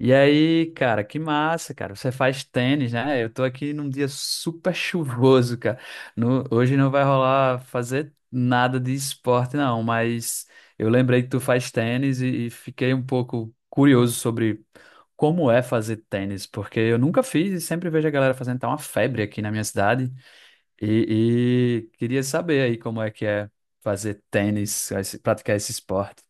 E aí, cara, que massa, cara. Você faz tênis, né? Eu tô aqui num dia super chuvoso, cara. Hoje não vai rolar fazer nada de esporte, não, mas eu lembrei que tu faz tênis e fiquei um pouco curioso sobre como é fazer tênis, porque eu nunca fiz e sempre vejo a galera fazendo, tá uma febre aqui na minha cidade. E queria saber aí como é que é fazer tênis, praticar esse esporte.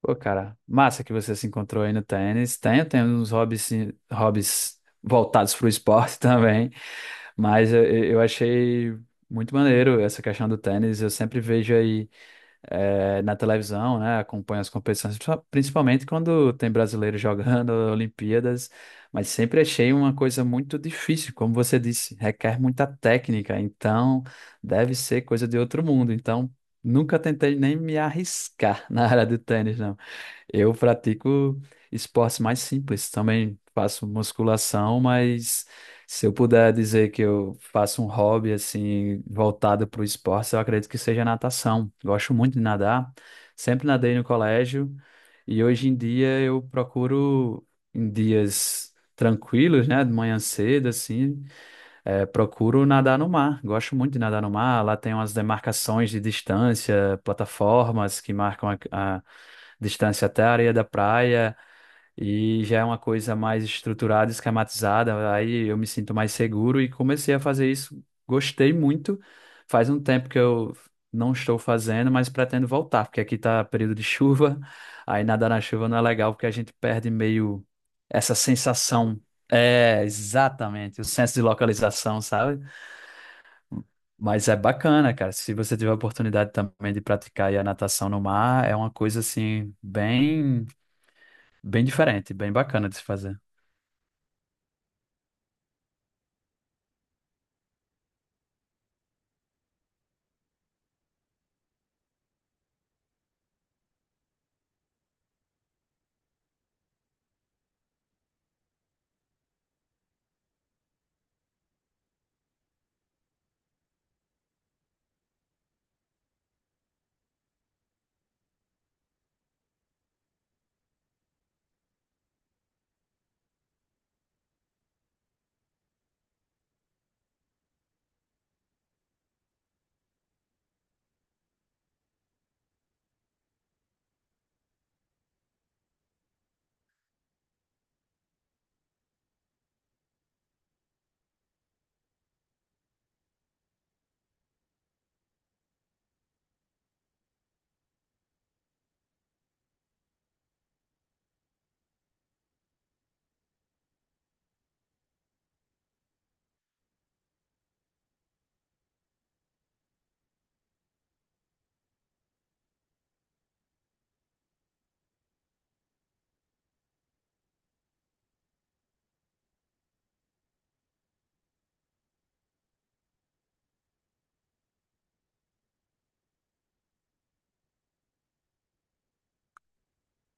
Pô, cara, massa que você se encontrou aí no tênis. Tenho uns hobbies, hobbies voltados para o esporte também, mas eu achei muito maneiro essa questão do tênis. Eu sempre vejo aí na televisão, né? Acompanho as competições, principalmente quando tem brasileiro jogando Olimpíadas, mas sempre achei uma coisa muito difícil, como você disse, requer muita técnica, então deve ser coisa de outro mundo. Então, nunca tentei nem me arriscar na área do tênis, não. Eu pratico esportes mais simples, também faço musculação, mas se eu puder dizer que eu faço um hobby assim voltado para o esporte, eu acredito que seja natação. Gosto muito de nadar, sempre nadei no colégio e hoje em dia eu procuro em dias tranquilos, né, de manhã cedo assim, é, procuro nadar no mar. Gosto muito de nadar no mar. Lá tem umas demarcações de distância, plataformas que marcam a distância até a areia da praia. E já é uma coisa mais estruturada, esquematizada. Aí eu me sinto mais seguro e comecei a fazer isso. Gostei muito. Faz um tempo que eu não estou fazendo, mas pretendo voltar, porque aqui está período de chuva. Aí nadar na chuva não é legal, porque a gente perde meio essa sensação. É, exatamente, o senso de localização, sabe? Mas é bacana, cara. Se você tiver a oportunidade também de praticar aí a natação no mar, é uma coisa assim bem, bem diferente, bem bacana de se fazer.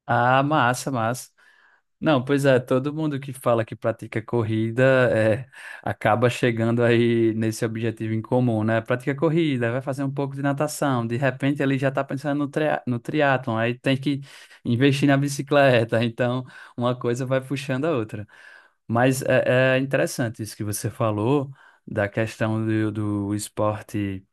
Ah, massa, massa. Não, pois é, todo mundo que fala que pratica corrida acaba chegando aí nesse objetivo em comum, né? Pratica corrida, vai fazer um pouco de natação, de repente ele já está pensando no triatlon, aí tem que investir na bicicleta, então uma coisa vai puxando a outra. Mas é interessante isso que você falou da questão do esporte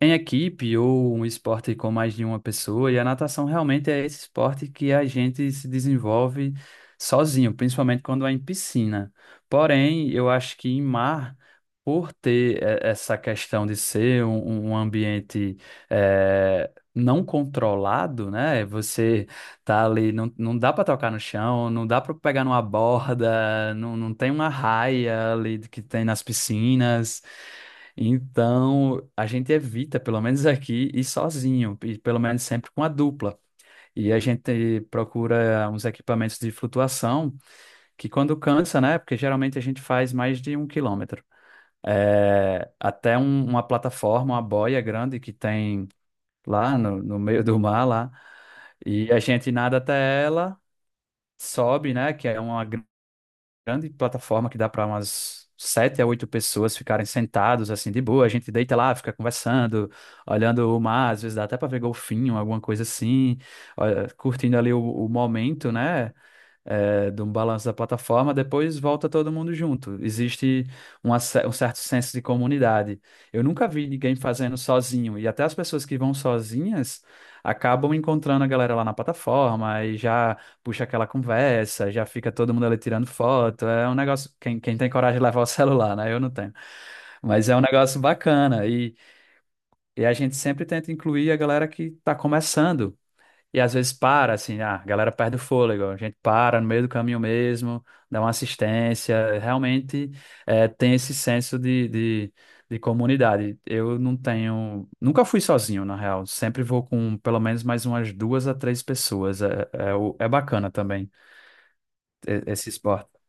em equipe ou um esporte com mais de uma pessoa, e a natação realmente é esse esporte que a gente se desenvolve sozinho, principalmente quando é em piscina. Porém, eu acho que em mar, por ter essa questão de ser um ambiente não controlado, né? Você tá ali, não, não dá para tocar no chão, não dá para pegar numa borda, não, não tem uma raia ali que tem nas piscinas. Então, a gente evita, pelo menos aqui, ir sozinho, e pelo menos sempre com a dupla. E a gente procura uns equipamentos de flutuação, que quando cansa, né? Porque geralmente a gente faz mais de 1 quilômetro. É, até uma plataforma, uma boia grande que tem lá no meio do mar, lá. E a gente nada até ela, sobe, né? Que é uma grande plataforma que dá para umas sete a oito pessoas ficarem sentados assim de boa. A gente deita lá, fica conversando, olhando o mar, às vezes dá até para ver golfinho, alguma coisa assim, olha, curtindo ali o momento, né? De um balanço da plataforma, depois volta todo mundo junto. Existe um certo senso de comunidade. Eu nunca vi ninguém fazendo sozinho, e até as pessoas que vão sozinhas acabam encontrando a galera lá na plataforma e já puxa aquela conversa, já fica todo mundo ali tirando foto. É um negócio, quem tem coragem de levar o celular, né? Eu não tenho. Mas é um negócio bacana e a gente sempre tenta incluir a galera que está começando. E às vezes para, assim, ah, a galera perde o fôlego, a gente para no meio do caminho mesmo, dá uma assistência, realmente tem esse senso de comunidade. Eu não tenho, nunca fui sozinho, na real, sempre vou com pelo menos mais umas duas a três pessoas, é bacana também esse esporte.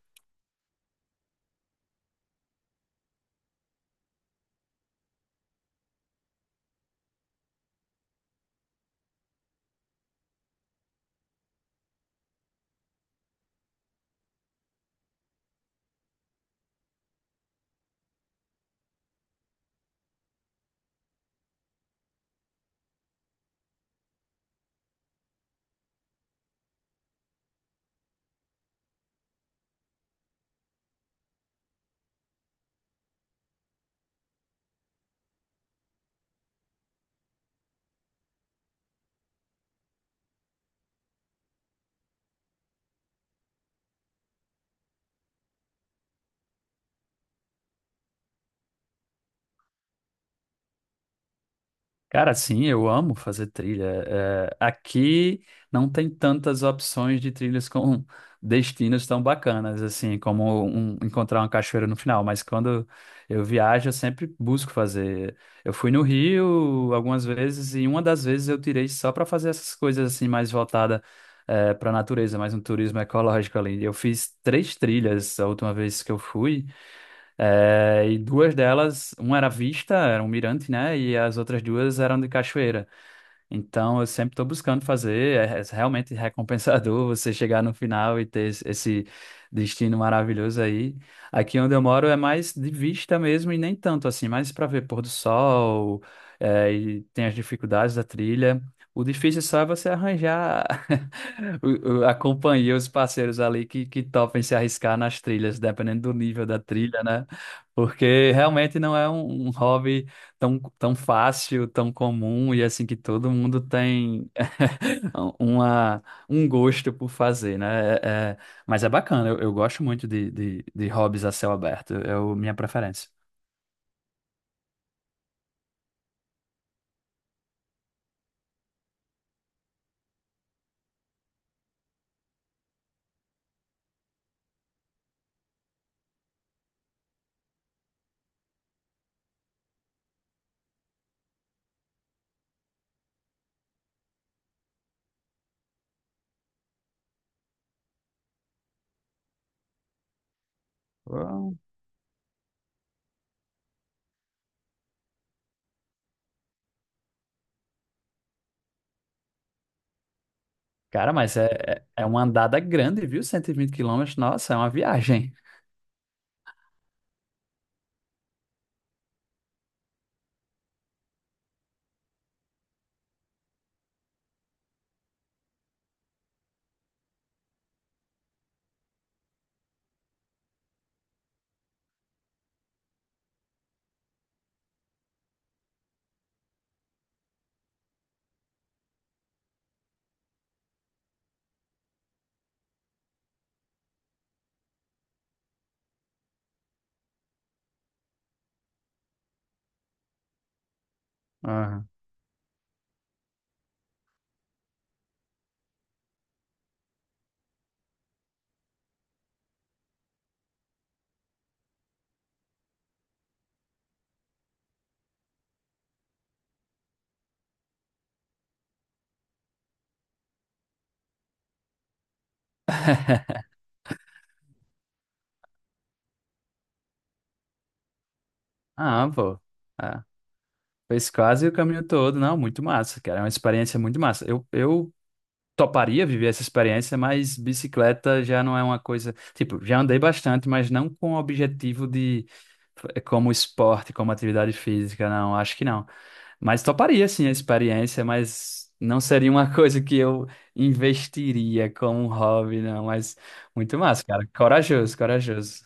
Cara, sim, eu amo fazer trilha. É, aqui não tem tantas opções de trilhas com destinos tão bacanas, assim, como encontrar uma cachoeira no final. Mas quando eu viajo, eu sempre busco fazer. Eu fui no Rio algumas vezes e uma das vezes eu tirei só para fazer essas coisas assim mais voltada para a natureza, mais um turismo ecológico ali. Eu fiz três trilhas a última vez que eu fui. É, e duas delas, uma era vista, era um mirante, né? E as outras duas eram de cachoeira. Então, eu sempre estou buscando fazer, é realmente recompensador você chegar no final e ter esse destino maravilhoso aí. Aqui onde eu moro é mais de vista mesmo e nem tanto assim, mais para ver pôr do sol, e tem as dificuldades da trilha. O difícil só é você arranjar a companhia, os parceiros ali que topem se arriscar nas trilhas, dependendo do nível da trilha, né? Porque realmente não é um hobby tão, tão fácil, tão comum e assim que todo mundo tem uma, um gosto por fazer, né? É- mas é bacana, eu gosto muito de hobbies a céu aberto, é minha preferência. Ah, cara, mas é uma andada grande, viu? 120 quilômetros, nossa, é uma viagem. ah, Ah, pô. Ah, fez quase o caminho todo, não, muito massa, cara, é uma experiência muito massa. Eu toparia viver essa experiência, mas bicicleta já não é uma coisa. Tipo, já andei bastante, mas não com o objetivo de. Como esporte, como atividade física, não, acho que não. Mas toparia sim a experiência, mas não seria uma coisa que eu investiria como um hobby, não. Mas muito massa, cara. Corajoso, corajoso.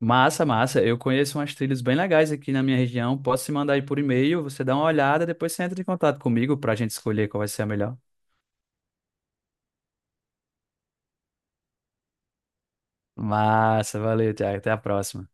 Massa, massa. Eu conheço umas trilhas bem legais aqui na minha região. Posso te mandar aí por e-mail, você dá uma olhada, depois você entra em contato comigo para a gente escolher qual vai ser a melhor. Massa, valeu, Thiago. Até a próxima.